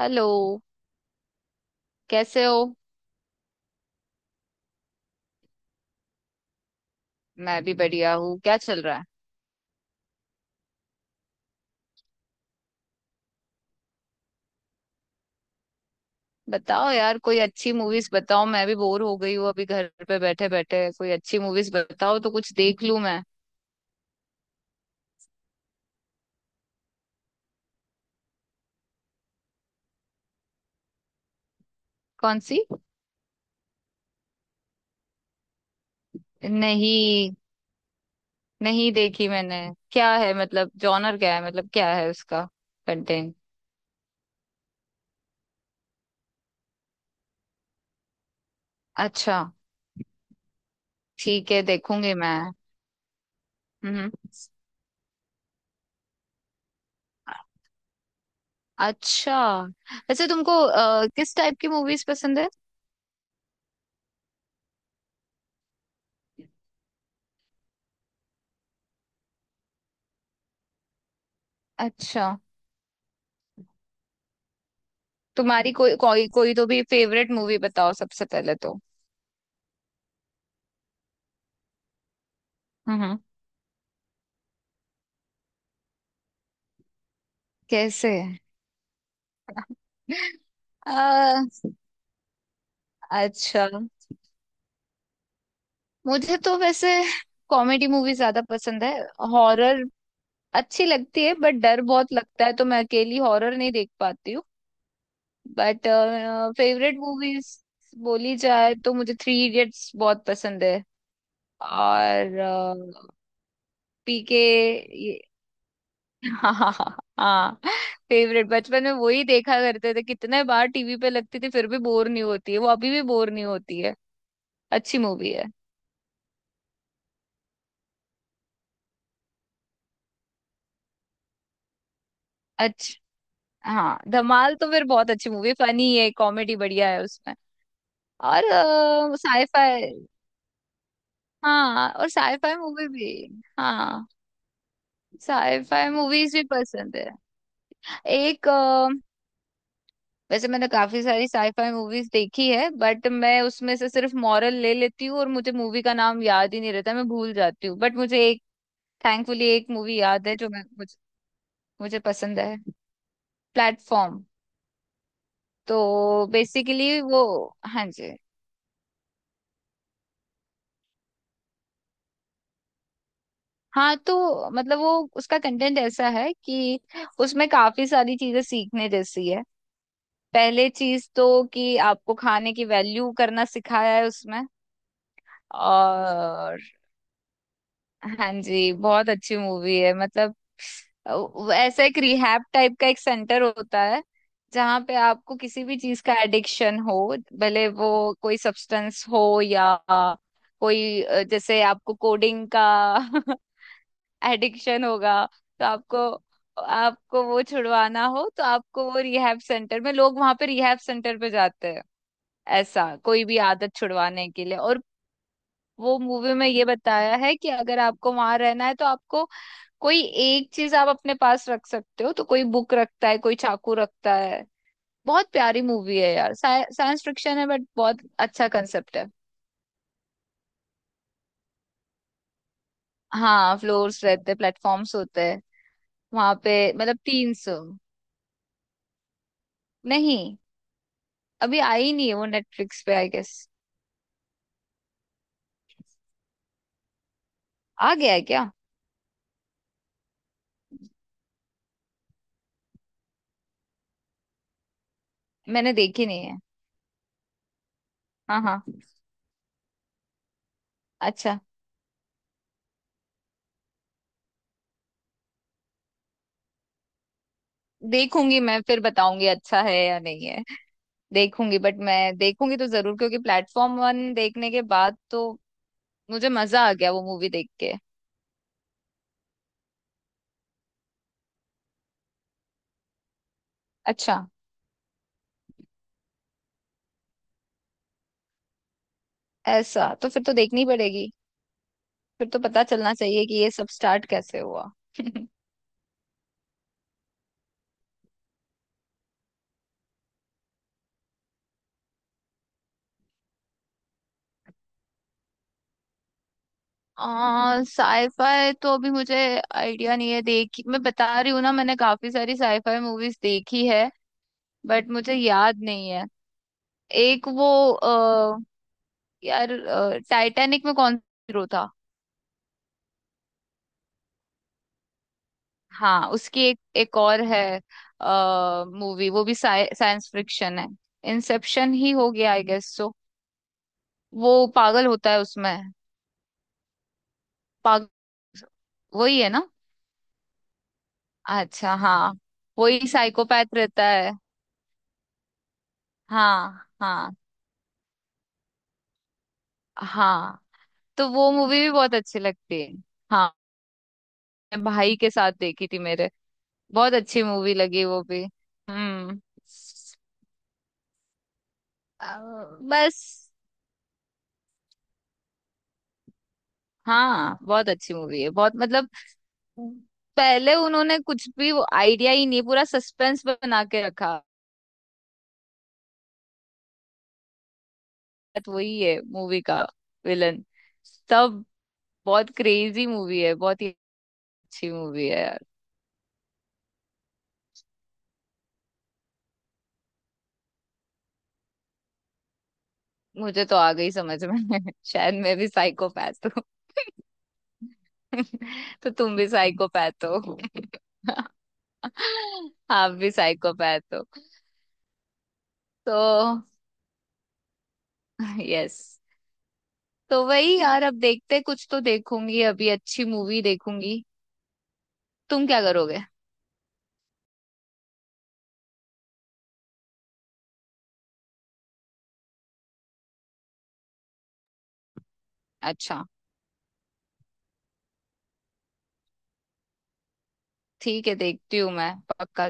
Hello. कैसे हो? मैं भी बढ़िया हूँ। क्या चल रहा है? बताओ यार, कोई अच्छी मूवीज बताओ। मैं भी बोर हो गई हूँ अभी घर पे बैठे बैठे। कोई अच्छी मूवीज बताओ तो कुछ देख लूँ मैं। कौन सी? नहीं, नहीं देखी मैंने। क्या है, मतलब जॉनर क्या है, मतलब क्या है उसका कंटेंट? अच्छा, ठीक है देखूंगी मैं। हम्म। अच्छा, वैसे तुमको किस टाइप की मूवीज पसंद है? अच्छा। तुम्हारी कोई कोई कोई तो भी फेवरेट मूवी बताओ सबसे पहले तो। हम्म। कैसे? आ, अच्छा, मुझे तो वैसे कॉमेडी मूवी ज्यादा पसंद है। हॉरर अच्छी लगती है, बट डर बहुत लगता है तो मैं अकेली हॉरर नहीं देख पाती हूँ। बट फेवरेट मूवीज बोली जाए तो मुझे थ्री इडियट्स बहुत पसंद है। और पीके ये हाँ। हाँ। फेवरेट बचपन में वही देखा करते थे, कितने बार टीवी पे लगती थी फिर भी बोर नहीं होती है वो, अभी भी बोर नहीं होती है। अच्छी मूवी है। अच्छा। हाँ धमाल तो फिर बहुत अच्छी मूवी, फनी है, कॉमेडी बढ़िया है उसमें। और साईफाई। हाँ, और साईफाई मूवी भी। हाँ, साईफाई मूवीज भी पसंद है। एक वैसे मैंने काफी सारी साईफाई मूवीज देखी है, बट मैं उसमें से सिर्फ मॉरल ले लेती हूँ और मुझे मूवी का नाम याद ही नहीं रहता, मैं भूल जाती हूँ। बट मुझे एक थैंकफुली एक मूवी याद है जो मुझे पसंद है। प्लेटफॉर्म। तो बेसिकली वो हाँ जी, हाँ तो मतलब वो उसका कंटेंट ऐसा है कि उसमें काफी सारी चीजें सीखने जैसी है। पहले चीज तो कि आपको खाने की वैल्यू करना सिखाया है उसमें। और हाँ जी, बहुत अच्छी मूवी है मतलब। वो ऐसा एक रिहैब टाइप का एक सेंटर होता है जहाँ पे आपको किसी भी चीज का एडिक्शन हो, भले वो कोई सब्सटेंस हो या कोई जैसे आपको कोडिंग का एडिक्शन होगा तो आपको आपको वो छुड़वाना हो तो आपको वो रिहैब सेंटर में, लोग वहां पे रिहैब सेंटर पे जाते हैं ऐसा कोई भी आदत छुड़वाने के लिए। और वो मूवी में ये बताया है कि अगर आपको वहां रहना है तो आपको कोई एक चीज आप अपने पास रख सकते हो, तो कोई बुक रखता है, कोई चाकू रखता है। बहुत प्यारी मूवी है यार, साइंस फिक्शन है बट बहुत अच्छा कंसेप्ट है। हाँ, फ्लोर्स रहते, प्लेटफॉर्म्स होते हैं वहां पे, मतलब 300। नहीं, अभी आई नहीं है वो नेटफ्लिक्स पे आई गेस। आ गया है क्या? मैंने देखी नहीं है। हाँ, हाँ। अच्छा, देखूंगी मैं फिर बताऊंगी अच्छा है या नहीं है। देखूंगी, बट मैं देखूंगी तो जरूर क्योंकि प्लेटफॉर्म 1 देखने के बाद तो मुझे मजा आ गया वो मूवी देख के। अच्छा, ऐसा तो फिर तो देखनी पड़ेगी, फिर तो पता चलना चाहिए कि ये सब स्टार्ट कैसे हुआ। साईफाई तो अभी मुझे आइडिया नहीं है देखी, मैं बता रही हूँ ना मैंने काफी सारी साईफाई मूवीज देखी है बट मुझे याद नहीं है। एक वो आ, यार टाइटैनिक में कौन हीरो था? हाँ, उसकी एक एक और है मूवी, वो भी साइंस फिक्शन है। इंसेप्शन ही हो गया आई गेस सो। वो पागल होता है उसमें। पागल, वही है ना? अच्छा हाँ, वही साइकोपैथ रहता है। हाँ, हाँ, हाँ। तो वो मूवी भी बहुत अच्छी लगती है। हाँ मैं भाई के साथ देखी थी मेरे, बहुत अच्छी मूवी लगी वो भी। हम्म। बस, हाँ बहुत अच्छी मूवी है, बहुत मतलब पहले उन्होंने कुछ भी वो आइडिया ही नहीं, पूरा सस्पेंस बना के रखा, तो वही है मूवी का विलन सब। बहुत क्रेजी मूवी है, बहुत ही अच्छी मूवी है यार। मुझे तो आ गई समझ में शायद मैं भी साइकोपैथ हूँ। तो तुम भी साइकोपैथ हो। आप भी साइकोपैथ हो। तो यस। तो वही यार, अब देखते कुछ तो देखूंगी, अभी अच्छी मूवी देखूंगी। तुम क्या करोगे? अच्छा, ठीक है देखती हूँ मैं। पक्का।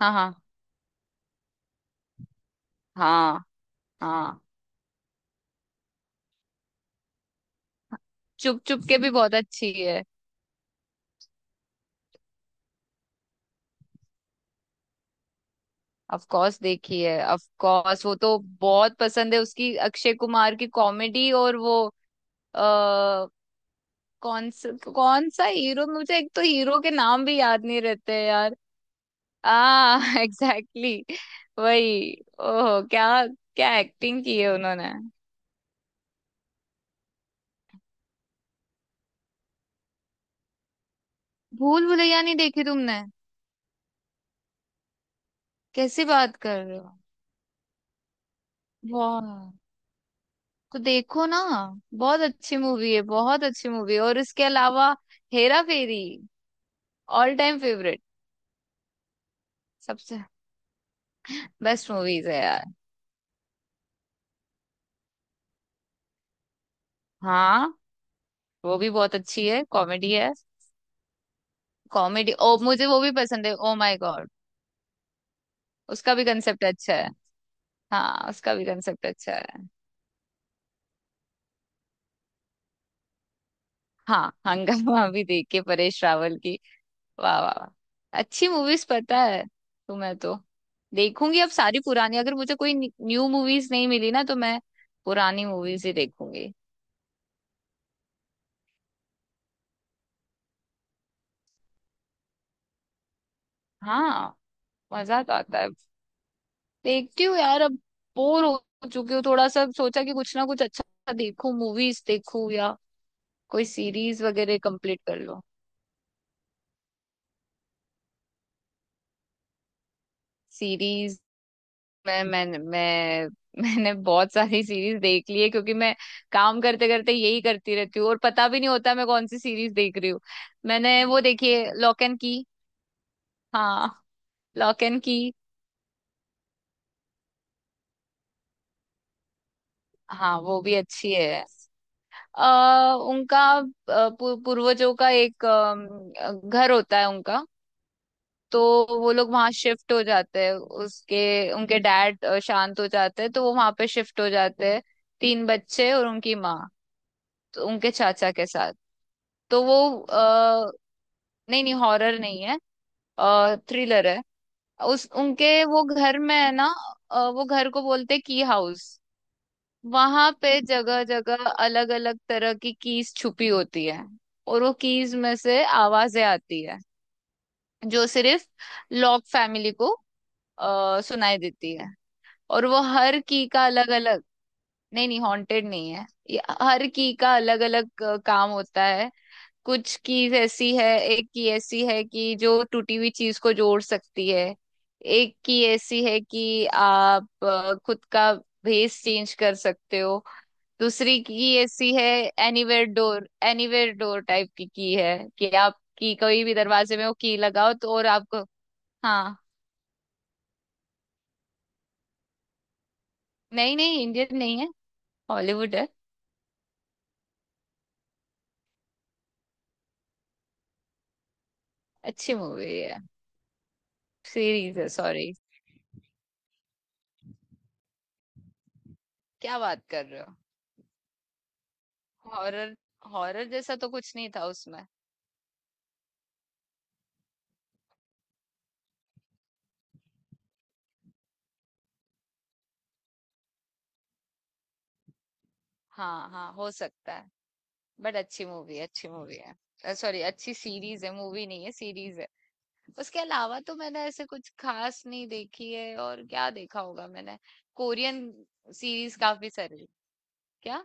हाँ, हाँ, हाँ, हाँ। चुप चुप के भी बहुत अच्छी है। ऑफ कोर्स देखी है, ऑफ कोर्स, वो तो बहुत पसंद है, उसकी अक्षय कुमार की कॉमेडी, और वो आ, कौन सा हीरो, मुझे एक तो हीरो के नाम भी याद नहीं रहते हैं यार। आ। एग्जैक्टली, वही। ओह, क्या क्या एक्टिंग की है उन्होंने! भूल भुलैया नहीं देखी तुमने? कैसी बात कर रहे हो! वाह! तो देखो ना, बहुत अच्छी मूवी है, बहुत अच्छी मूवी है। और इसके अलावा Hera Pheri, all time favourite, सबसे बेस्ट मूवीज है यार। हाँ, वो भी बहुत अच्छी है, कॉमेडी है। कॉमेडी ओ मुझे वो भी पसंद है, ओ माय गॉड। उसका भी कंसेप्ट अच्छा है। हाँ, उसका भी कंसेप्ट अच्छा है। हाँ, हंगामा भी देखिए परेश रावल की। वाह वाह वाह। अच्छी मूवीज, पता है तो मैं तो देखूंगी अब सारी पुरानी। अगर मुझे कोई न्यू मूवीज नहीं मिली ना तो मैं पुरानी मूवीज ही देखूंगी। हाँ, मजा तो आता है। देखती हूँ यार अब, बोर हो चुकी हूँ थोड़ा सा, सोचा कि कुछ ना कुछ अच्छा देखूं, मूवीज देखूं या कोई सीरीज वगैरह कंप्लीट कर लो। सीरीज। मैं मैंने बहुत सारी सीरीज देख ली है क्योंकि मैं काम करते करते यही करती रहती हूँ और पता भी नहीं होता मैं कौन सी सीरीज देख रही हूँ। मैंने वो देखी है लॉक एंड की। हाँ, लॉक एंड की। हाँ, वो भी अच्छी है। उनका पूर्वजों का एक घर होता है उनका। तो वो लोग वहां शिफ्ट हो जाते हैं, उसके उनके डैड शांत हो जाते हैं तो वो वहां पे शिफ्ट हो जाते हैं, तीन बच्चे और उनकी माँ, तो उनके चाचा के साथ। तो वो नहीं नहीं, हॉरर नहीं है, थ्रिलर है। उस उनके वो घर में है ना, वो घर को बोलते की हाउस। वहां पे जगह जगह अलग अलग तरह की कीज छुपी होती है। और वो कीज में से आवाजें आती है जो सिर्फ लॉक फैमिली को सुनाई देती है। और वो हर की का अलग अलग, नहीं नहीं, हॉन्टेड नहीं है, ये हर की का अलग अलग काम होता है। कुछ चीज ऐसी है, एक की ऐसी है कि जो टूटी हुई चीज को जोड़ सकती है, एक की ऐसी है कि आप खुद का भेस चेंज कर सकते हो, दूसरी की ऐसी है anywhere door, anywhere door type की है कि आप की कोई भी दरवाजे में वो की लगाओ तो और आपको। हाँ। नहीं नहीं, इंडियन नहीं है, हॉलीवुड है। अच्छी मूवी है, सीरीज है सॉरी। क्या बात कर रहे हो! हॉरर? हॉरर जैसा तो कुछ नहीं था उसमें। हाँ हाँ, हो सकता है। बट अच्छी मूवी है, अच्छी मूवी है सॉरी, अच्छी सीरीज है, मूवी नहीं है सीरीज है। उसके अलावा तो मैंने ऐसे कुछ खास नहीं देखी है, और क्या देखा होगा मैंने, कोरियन सीरीज काफी सारी। क्या?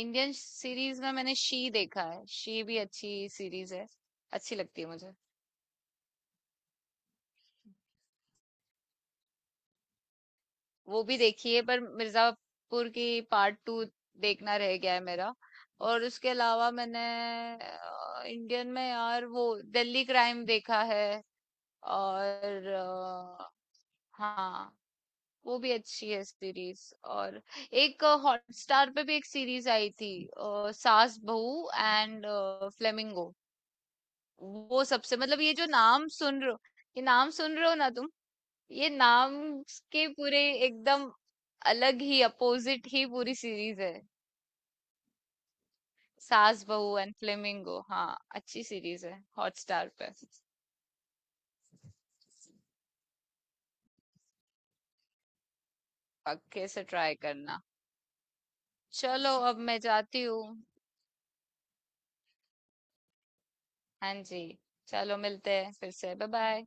इंडियन सीरीज में मैंने शी देखा है, शी भी अच्छी सीरीज है, अच्छी लगती है मुझे। वो भी देखी है, पर मिर्जापुर की पार्ट 2 देखना रह गया है मेरा। और उसके अलावा मैंने इंडियन में यार वो दिल्ली क्राइम देखा है। और हाँ, वो भी अच्छी है सीरीज। और एक हॉटस्टार पे भी एक सीरीज आई थी, सास बहू एंड फ्लेमिंगो। वो सबसे, मतलब ये जो नाम सुन रहे हो, ये नाम सुन रहे हो ना तुम, ये नाम के पूरे एकदम अलग ही, अपोजिट ही पूरी सीरीज है। सास बहू एंड फ्लेमिंगो, हाँ अच्छी सीरीज है हॉटस्टार पे। पक्के से ट्राई करना। चलो अब मैं जाती हूँ। हाँ जी, चलो मिलते हैं फिर से, बाय-बाय।